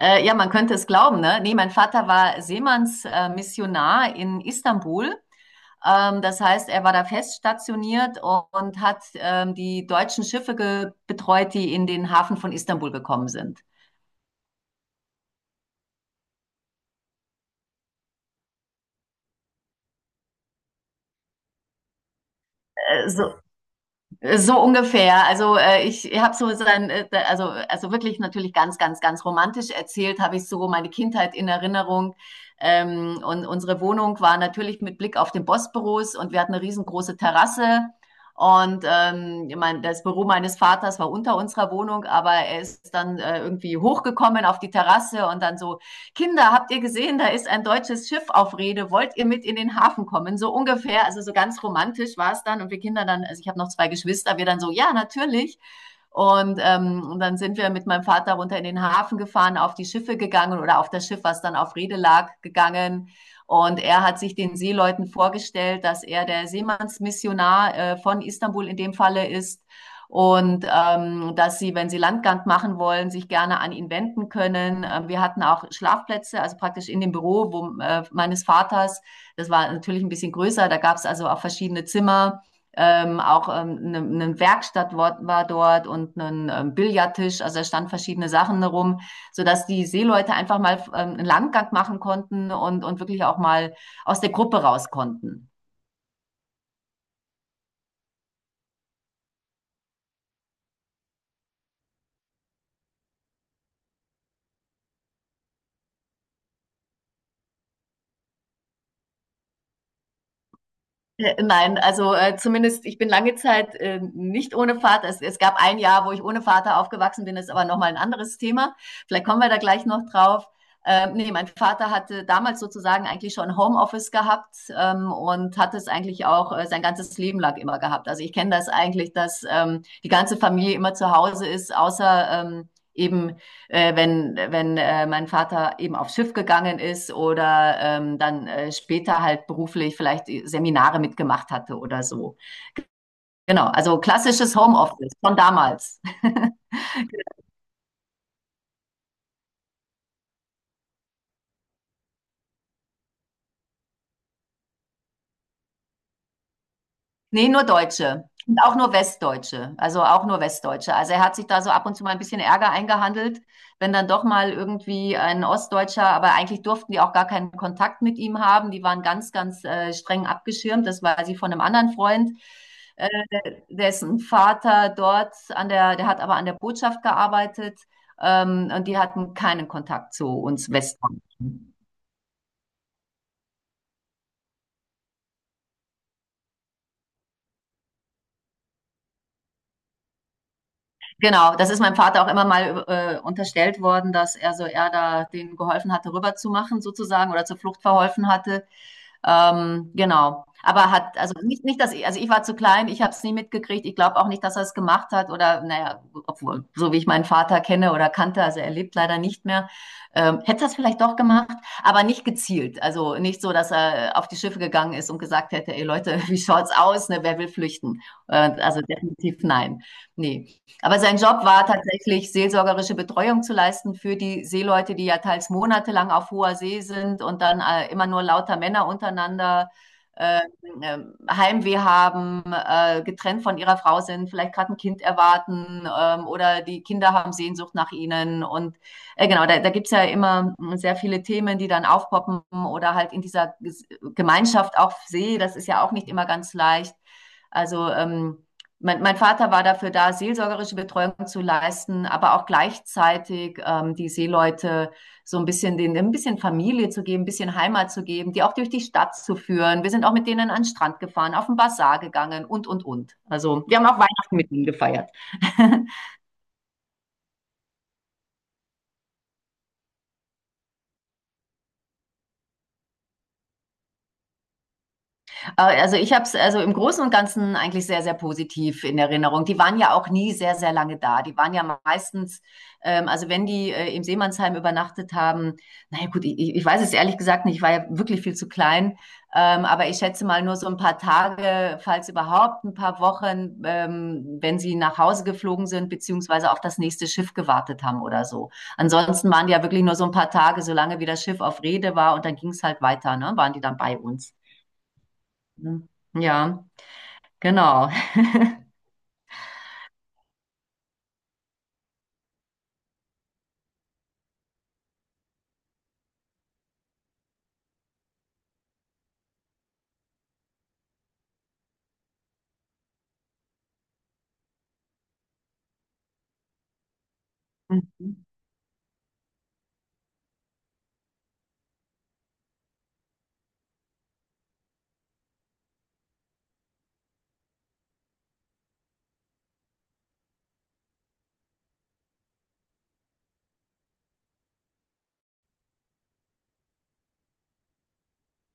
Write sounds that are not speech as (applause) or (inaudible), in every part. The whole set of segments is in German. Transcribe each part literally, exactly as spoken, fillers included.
Äh, ja, man könnte es glauben, ne? Nee, mein Vater war Seemannsmissionar äh, Missionar in Istanbul. Ähm, das heißt, er war da fest stationiert und, und hat ähm, die deutschen Schiffe ge- betreut, die in den Hafen von Istanbul gekommen sind. Äh, so, So ungefähr. Also äh, ich habe so sein, äh, also, also wirklich natürlich ganz, ganz, ganz romantisch erzählt, habe ich so meine Kindheit in Erinnerung. Ähm, und unsere Wohnung war natürlich mit Blick auf den Bossbüros und wir hatten eine riesengroße Terrasse. Und ähm, ich mein, das Büro meines Vaters war unter unserer Wohnung, aber er ist dann äh, irgendwie hochgekommen auf die Terrasse und dann so: Kinder, habt ihr gesehen, da ist ein deutsches Schiff auf Rede, wollt ihr mit in den Hafen kommen? So ungefähr, also so ganz romantisch war es dann, und wir Kinder dann, also ich habe noch zwei Geschwister, wir dann so: ja, natürlich. Und ähm, und dann sind wir mit meinem Vater runter in den Hafen gefahren, auf die Schiffe gegangen oder auf das Schiff, was dann auf Rede lag, gegangen. Und er hat sich den Seeleuten vorgestellt, dass er der Seemannsmissionar äh, von Istanbul in dem Falle ist, und ähm, dass sie, wenn sie Landgang machen wollen, sich gerne an ihn wenden können. Ähm, wir hatten auch Schlafplätze, also praktisch in dem Büro wo, äh, meines Vaters. Das war natürlich ein bisschen größer, da gab es also auch verschiedene Zimmer. Ähm, auch ähm, eine, eine Werkstatt war dort und ein ähm, Billardtisch, also da standen verschiedene Sachen herum, sodass die Seeleute einfach mal ähm, einen Landgang machen konnten und, und wirklich auch mal aus der Gruppe raus konnten. Äh, nein, also, äh, zumindest ich bin lange Zeit, äh, nicht ohne Vater. Es es gab ein Jahr, wo ich ohne Vater aufgewachsen bin, ist aber noch mal 'n anderes Thema. Vielleicht kommen wir da gleich noch drauf. Ähm, ne, mein Vater hatte damals sozusagen eigentlich schon Homeoffice gehabt, ähm, und hat es eigentlich auch, äh, sein ganzes Leben lang immer gehabt. Also, ich kenne das eigentlich, dass, ähm, die ganze Familie immer zu Hause ist, außer, ähm, eben äh, wenn, wenn äh, mein Vater eben aufs Schiff gegangen ist oder ähm, dann äh, später halt beruflich vielleicht Seminare mitgemacht hatte oder so. Genau, also klassisches Homeoffice von damals. (laughs) Nee, nur Deutsche. Und auch nur Westdeutsche. Also auch nur Westdeutsche. Also er hat sich da so ab und zu mal ein bisschen Ärger eingehandelt, wenn dann doch mal irgendwie ein Ostdeutscher, aber eigentlich durften die auch gar keinen Kontakt mit ihm haben. Die waren ganz, ganz äh, streng abgeschirmt. Das war sie von einem anderen Freund, äh, dessen Vater dort an der, der hat aber an der Botschaft gearbeitet, ähm, und die hatten keinen Kontakt zu uns Westdeutschen. Genau, das ist meinem Vater auch immer mal äh, unterstellt worden, dass er so er da denen geholfen hatte, rüberzumachen sozusagen oder zur Flucht verholfen hatte. Ähm, genau. Aber hat, also nicht, nicht, dass ich, also ich war zu klein, ich habe es nie mitgekriegt. Ich glaube auch nicht, dass er es gemacht hat oder, naja, obwohl, so wie ich meinen Vater kenne oder kannte, also er lebt leider nicht mehr, ähm, hätte er es vielleicht doch gemacht, aber nicht gezielt. Also nicht so, dass er auf die Schiffe gegangen ist und gesagt hätte, ey Leute, (laughs) wie schaut's aus, ne, wer will flüchten? Äh, also definitiv nein. Nee. Aber sein Job war tatsächlich, seelsorgerische Betreuung zu leisten für die Seeleute, die ja teils monatelang auf hoher See sind und dann äh, immer nur lauter Männer untereinander äh, äh, Heimweh haben, äh, getrennt von ihrer Frau sind, vielleicht gerade ein Kind erwarten, ähm, oder die Kinder haben Sehnsucht nach ihnen. Und äh, genau, da, da gibt's ja immer sehr viele Themen, die dann aufpoppen oder halt in dieser Gemeinschaft auf See, das ist ja auch nicht immer ganz leicht. Also ähm, mein, mein Vater war dafür da, seelsorgerische Betreuung zu leisten, aber auch gleichzeitig ähm, die Seeleute so ein bisschen denen ein bisschen Familie zu geben, ein bisschen Heimat zu geben, die auch durch die Stadt zu führen. Wir sind auch mit denen an den Strand gefahren, auf den Basar gegangen und, und, und. Also wir haben auch Weihnachten mit ihnen gefeiert. (laughs) Äh, Also ich habe es also im Großen und Ganzen eigentlich sehr, sehr positiv in Erinnerung. Die waren ja auch nie sehr, sehr lange da. Die waren ja meistens, ähm, also wenn die äh, im Seemannsheim übernachtet haben, naja gut, ich, ich ich weiß es ehrlich gesagt nicht, ich war ja wirklich viel zu klein, ähm, aber ich schätze mal nur so ein paar Tage, falls überhaupt ein paar Wochen, ähm, wenn sie nach Hause geflogen sind, beziehungsweise auf das nächste Schiff gewartet haben oder so. Ansonsten waren die ja wirklich nur so ein paar Tage, solange wie das Schiff auf Rede war und dann ging es halt weiter, ne, waren die dann bei uns. Mhm. Ja, genau. Mhm.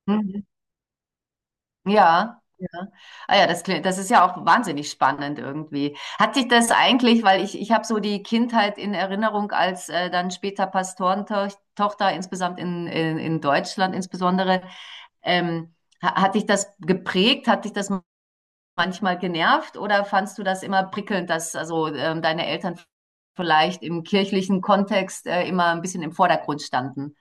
Mhm. Ja, ja. Ah ja, das, kli- das ist ja auch wahnsinnig spannend irgendwie. Hat dich das eigentlich, weil ich, ich habe so die Kindheit in Erinnerung als äh, dann später Pastorentochter, insgesamt in, in, in Deutschland insbesondere, ähm, ha- hat dich das geprägt? Hat dich das manchmal genervt oder fandst du das immer prickelnd, dass also ähm, deine Eltern vielleicht im kirchlichen Kontext äh, immer ein bisschen im Vordergrund standen?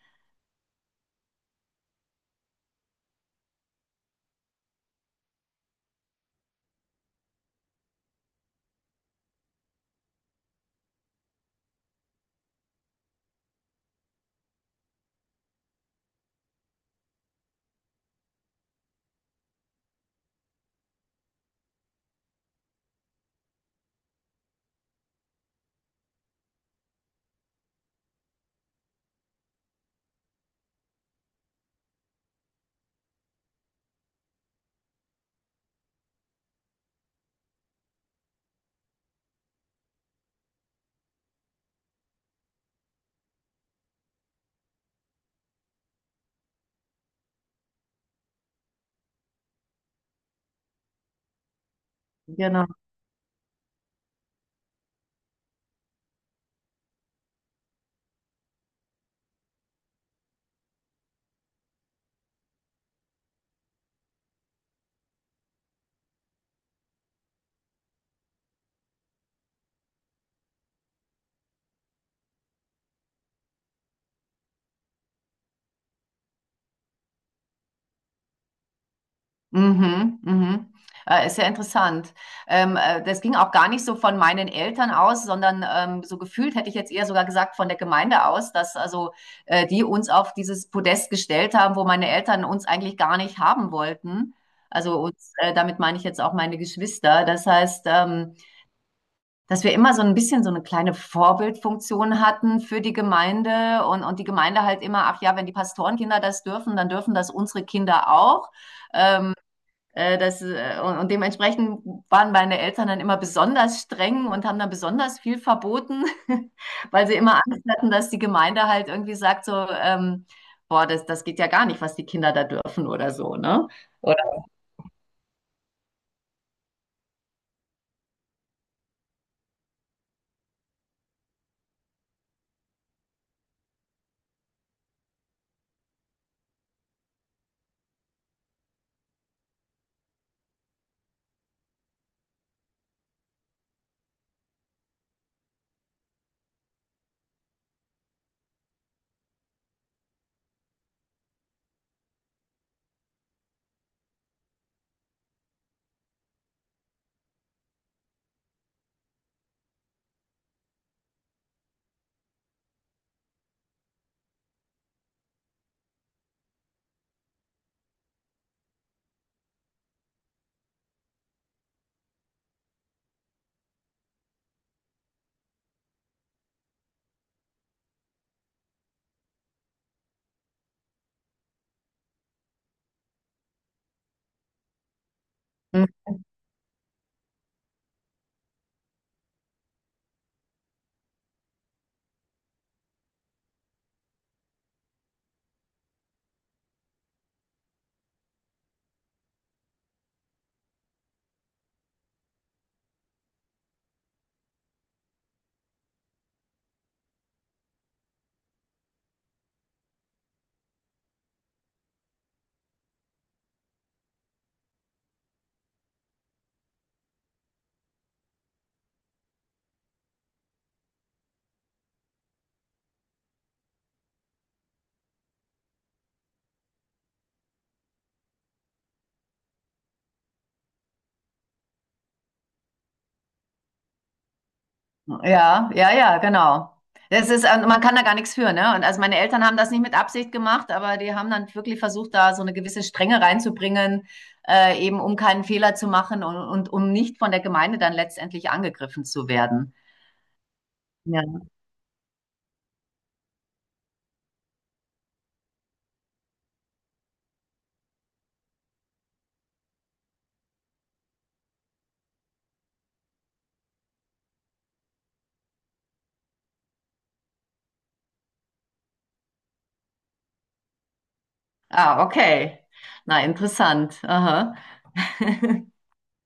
Genau. Mhm, mhm. Äh, ist ja interessant. Ähm, äh, das ging auch gar nicht so von meinen Eltern aus, sondern ähm, so gefühlt hätte ich jetzt eher sogar gesagt von der Gemeinde aus, dass also äh, die uns auf dieses Podest gestellt haben, wo meine Eltern uns eigentlich gar nicht haben wollten. Also uns, äh, damit meine ich jetzt auch meine Geschwister. Das heißt, ähm, dass wir immer so ein bisschen so eine kleine Vorbildfunktion hatten für die Gemeinde und, und die Gemeinde halt immer, ach ja, wenn die Pastorenkinder das dürfen, dann dürfen das unsere Kinder auch. Äh, das, äh, und, und dementsprechend waren meine Eltern dann immer besonders streng und haben dann besonders viel verboten, (laughs) weil sie immer Angst hatten, dass die Gemeinde halt irgendwie sagt so, ähm, boah, das, das geht ja gar nicht, was die Kinder da dürfen oder so, ne? Oder, mhm. Ja, ja, ja, genau. Das ist, äh, man kann da gar nichts für, ne? Und also meine Eltern haben das nicht mit Absicht gemacht, aber die haben dann wirklich versucht, da so eine gewisse Strenge reinzubringen, äh, eben um keinen Fehler zu machen und, und um nicht von der Gemeinde dann letztendlich angegriffen zu werden. Ja. Ah, okay. Na, interessant. Aha.